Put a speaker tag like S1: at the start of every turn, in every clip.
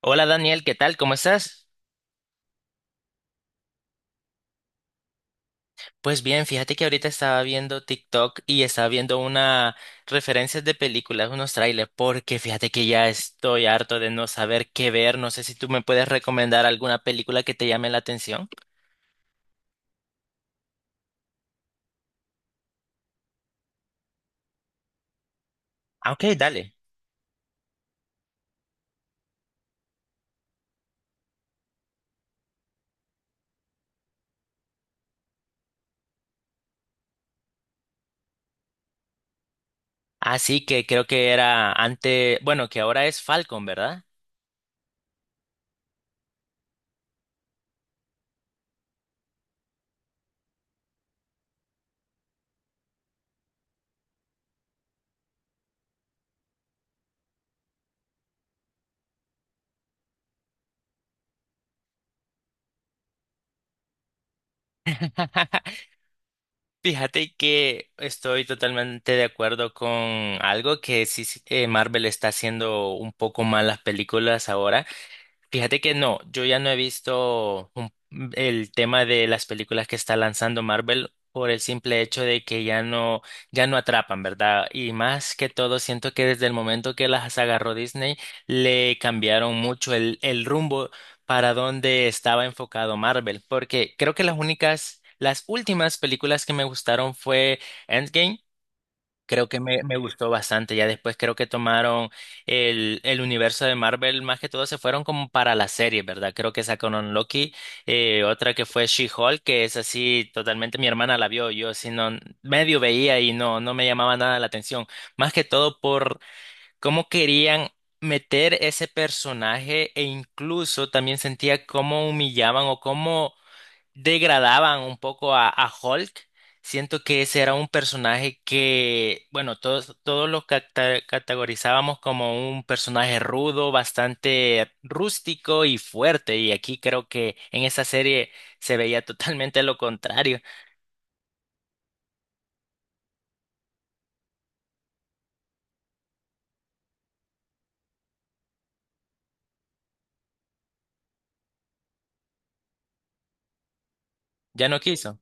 S1: Hola Daniel, ¿qué tal? ¿Cómo estás? Pues bien, fíjate que ahorita estaba viendo TikTok y estaba viendo una referencias de películas, unos trailers, porque fíjate que ya estoy harto de no saber qué ver. No sé si tú me puedes recomendar alguna película que te llame la atención. Ah, ok, dale. Así que creo que era antes, bueno, que ahora es Falcon, ¿verdad? Fíjate que estoy totalmente de acuerdo con algo que sí, Marvel está haciendo un poco mal las películas ahora. Fíjate que no, yo ya no he visto el tema de las películas que está lanzando Marvel por el simple hecho de que ya no atrapan, ¿verdad? Y más que todo, siento que desde el momento que las agarró Disney, le cambiaron mucho el rumbo para donde estaba enfocado Marvel, porque creo que las últimas películas que me gustaron fue Endgame. Creo que me gustó bastante. Ya después creo que tomaron el universo de Marvel, más que todo se fueron como para la serie, ¿verdad? Creo que sacaron Loki, otra que fue She-Hulk, que es así, totalmente mi hermana la vio, yo si no, medio veía y no me llamaba nada la atención. Más que todo por cómo querían meter ese personaje e incluso también sentía cómo humillaban o cómo degradaban un poco a Hulk. Siento que ese era un personaje que, bueno, todos categorizábamos como un personaje rudo, bastante rústico y fuerte. Y aquí creo que en esa serie se veía totalmente lo contrario. Ya no quiso.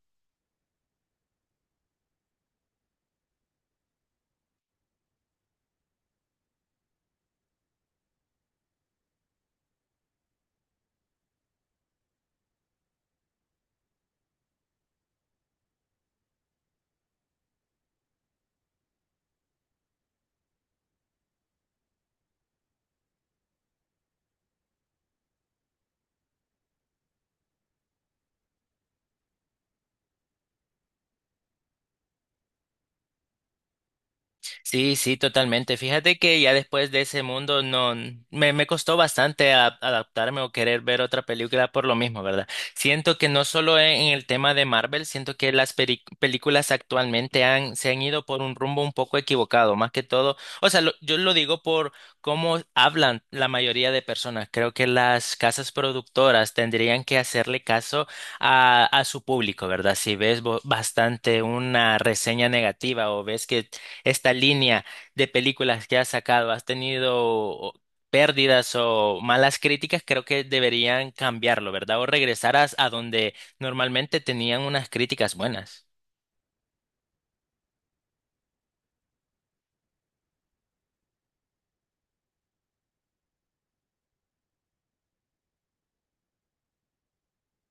S1: Sí, sí, totalmente. Fíjate que ya después de ese mundo no me, me costó bastante adaptarme o querer ver otra película por lo mismo, ¿verdad? Siento que no solo en el tema de Marvel, siento que las películas actualmente se han ido por un rumbo un poco equivocado, más que todo. O sea, yo lo digo por cómo hablan la mayoría de personas. Creo que las casas productoras tendrían que hacerle caso a su público, ¿verdad? Si ves bastante una reseña negativa o ves que esta línea de películas que has sacado, has tenido pérdidas o malas críticas, creo que deberían cambiarlo, ¿verdad? O regresar a donde normalmente tenían unas críticas buenas.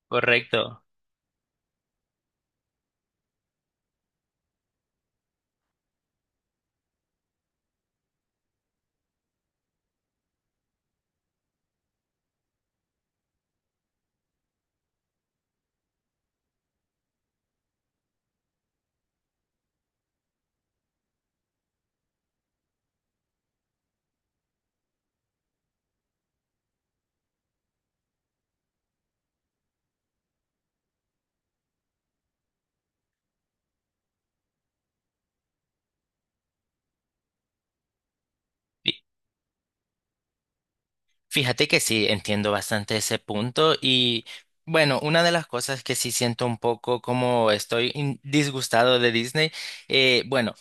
S1: Correcto. Fí- Fíjate que sí, entiendo bastante ese punto y bueno, una de las cosas que sí siento un poco como estoy disgustado de Disney, bueno.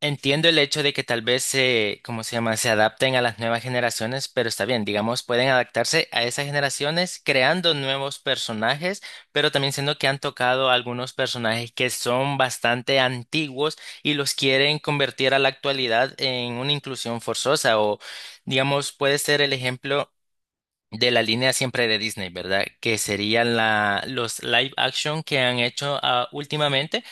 S1: Entiendo el hecho de que tal vez se, ¿cómo se llama? Se adapten a las nuevas generaciones, pero está bien, digamos, pueden adaptarse a esas generaciones creando nuevos personajes, pero también siendo que han tocado algunos personajes que son bastante antiguos y los quieren convertir a la actualidad en una inclusión forzosa o, digamos, puede ser el ejemplo de la línea siempre de Disney, ¿verdad? Que serían los live action que han hecho ah, últimamente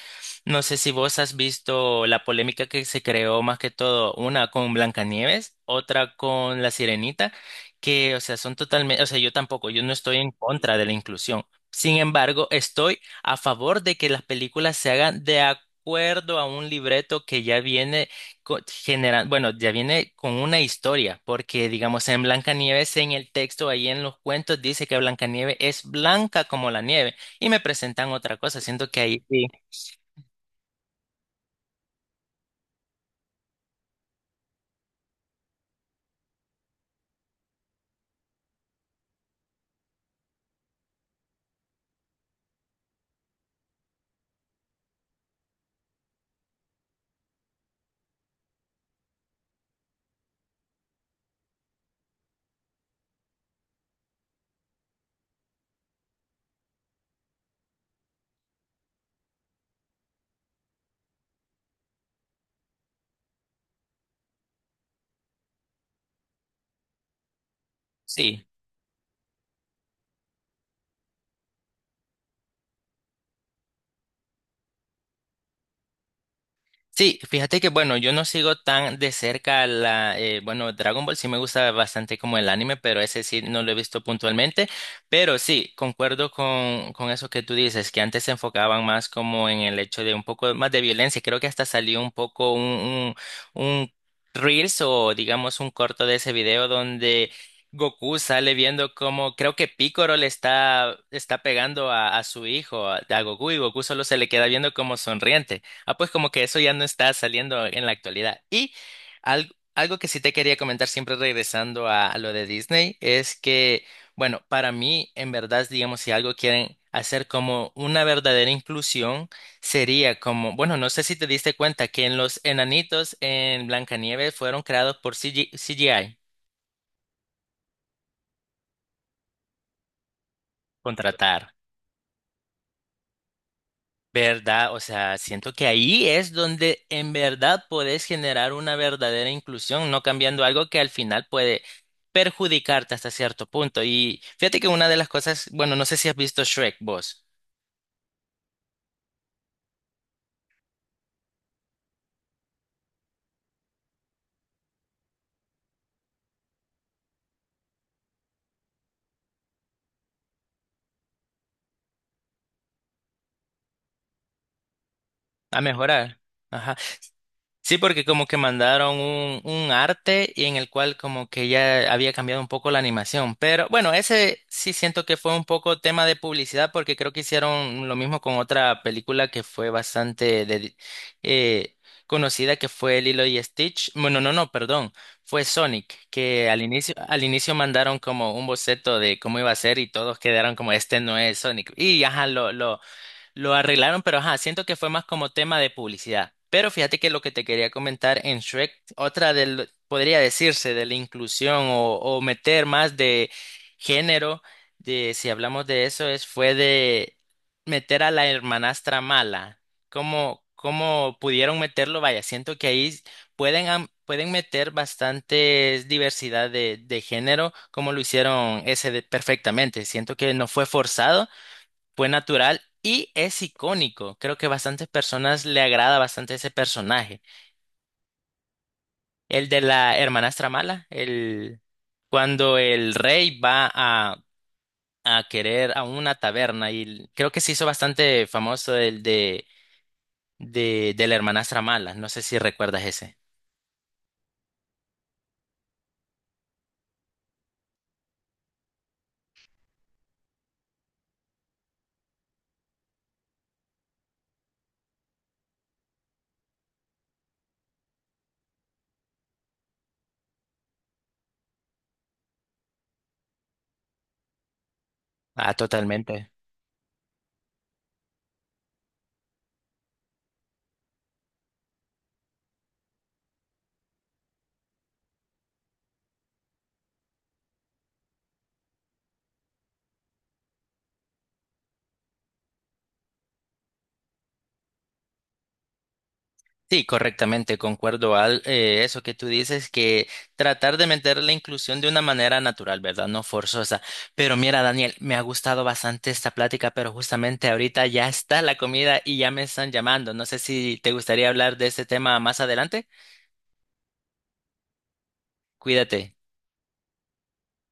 S1: no sé si vos has visto la polémica que se creó más que todo, una con Blancanieves, otra con La Sirenita, que, o sea, son totalmente, o sea, yo tampoco, yo no estoy en contra de la inclusión. Sin embargo, estoy a favor de que las películas se hagan de acuerdo a un libreto que ya viene bueno, ya viene con una historia, porque digamos en Blancanieves, en el texto, ahí en los cuentos, dice que Blancanieves es blanca como la nieve, y me presentan otra cosa, siento que ahí sí. Sí, sí, fíjate que bueno, yo no sigo tan de cerca la, bueno, Dragon Ball sí me gusta bastante como el anime, pero ese sí no lo he visto puntualmente, pero sí, concuerdo con eso que tú dices, que antes se enfocaban más como en el hecho de un poco más de violencia, creo que hasta salió un poco un Reels o digamos un corto de ese video donde... Goku sale viendo como creo que Piccolo está pegando a su hijo, a Goku, y Goku solo se le queda viendo como sonriente. Ah, pues como que eso ya no está saliendo en la actualidad. Y algo que sí te quería comentar, siempre regresando a lo de Disney, es que, bueno, para mí, en verdad, digamos, si algo quieren hacer como una verdadera inclusión, sería como, bueno, no sé si te diste cuenta que en los enanitos en Blancanieves fueron creados por CG CGI, contratar. ¿Verdad? O sea, siento que ahí es donde en verdad podés generar una verdadera inclusión, no cambiando algo que al final puede perjudicarte hasta cierto punto. Y fíjate que una de las cosas, bueno, no sé si has visto Shrek, vos, a mejorar. Sí, porque como que mandaron un arte y en el cual como que ya había cambiado un poco la animación. Pero bueno, ese sí siento que fue un poco tema de publicidad porque creo que hicieron lo mismo con otra película que fue bastante eh, conocida que fue Lilo y Stitch. Bueno, no, no, perdón. Fue Sonic, que al inicio mandaron como un boceto de cómo iba a ser y todos quedaron como este no es Sonic. Y ajá, lo arreglaron, pero ajá, siento que fue más como tema de publicidad. Pero fíjate que lo que te quería comentar en Shrek, otra del, podría decirse, de la inclusión o meter más de género, de si hablamos de eso, es fue de meter a la hermanastra mala. ¿Cómo, cómo pudieron meterlo? Vaya, siento que ahí pueden meter bastante diversidad de género, como lo hicieron perfectamente. Siento que no fue forzado fue natural y es icónico. Creo que bastantes personas le agrada bastante ese personaje. El de la hermanastra mala, el cuando el rey va a querer a una taberna y creo que se hizo bastante famoso de la hermanastra mala. No sé si recuerdas ese. Ah, totalmente. Sí, correctamente, concuerdo al eso que tú dices, que tratar de meter la inclusión de una manera natural, ¿verdad? No forzosa. Pero mira, Daniel, me ha gustado bastante esta plática, pero justamente ahorita ya está la comida y ya me están llamando. No sé si te gustaría hablar de este tema más adelante. Cuídate.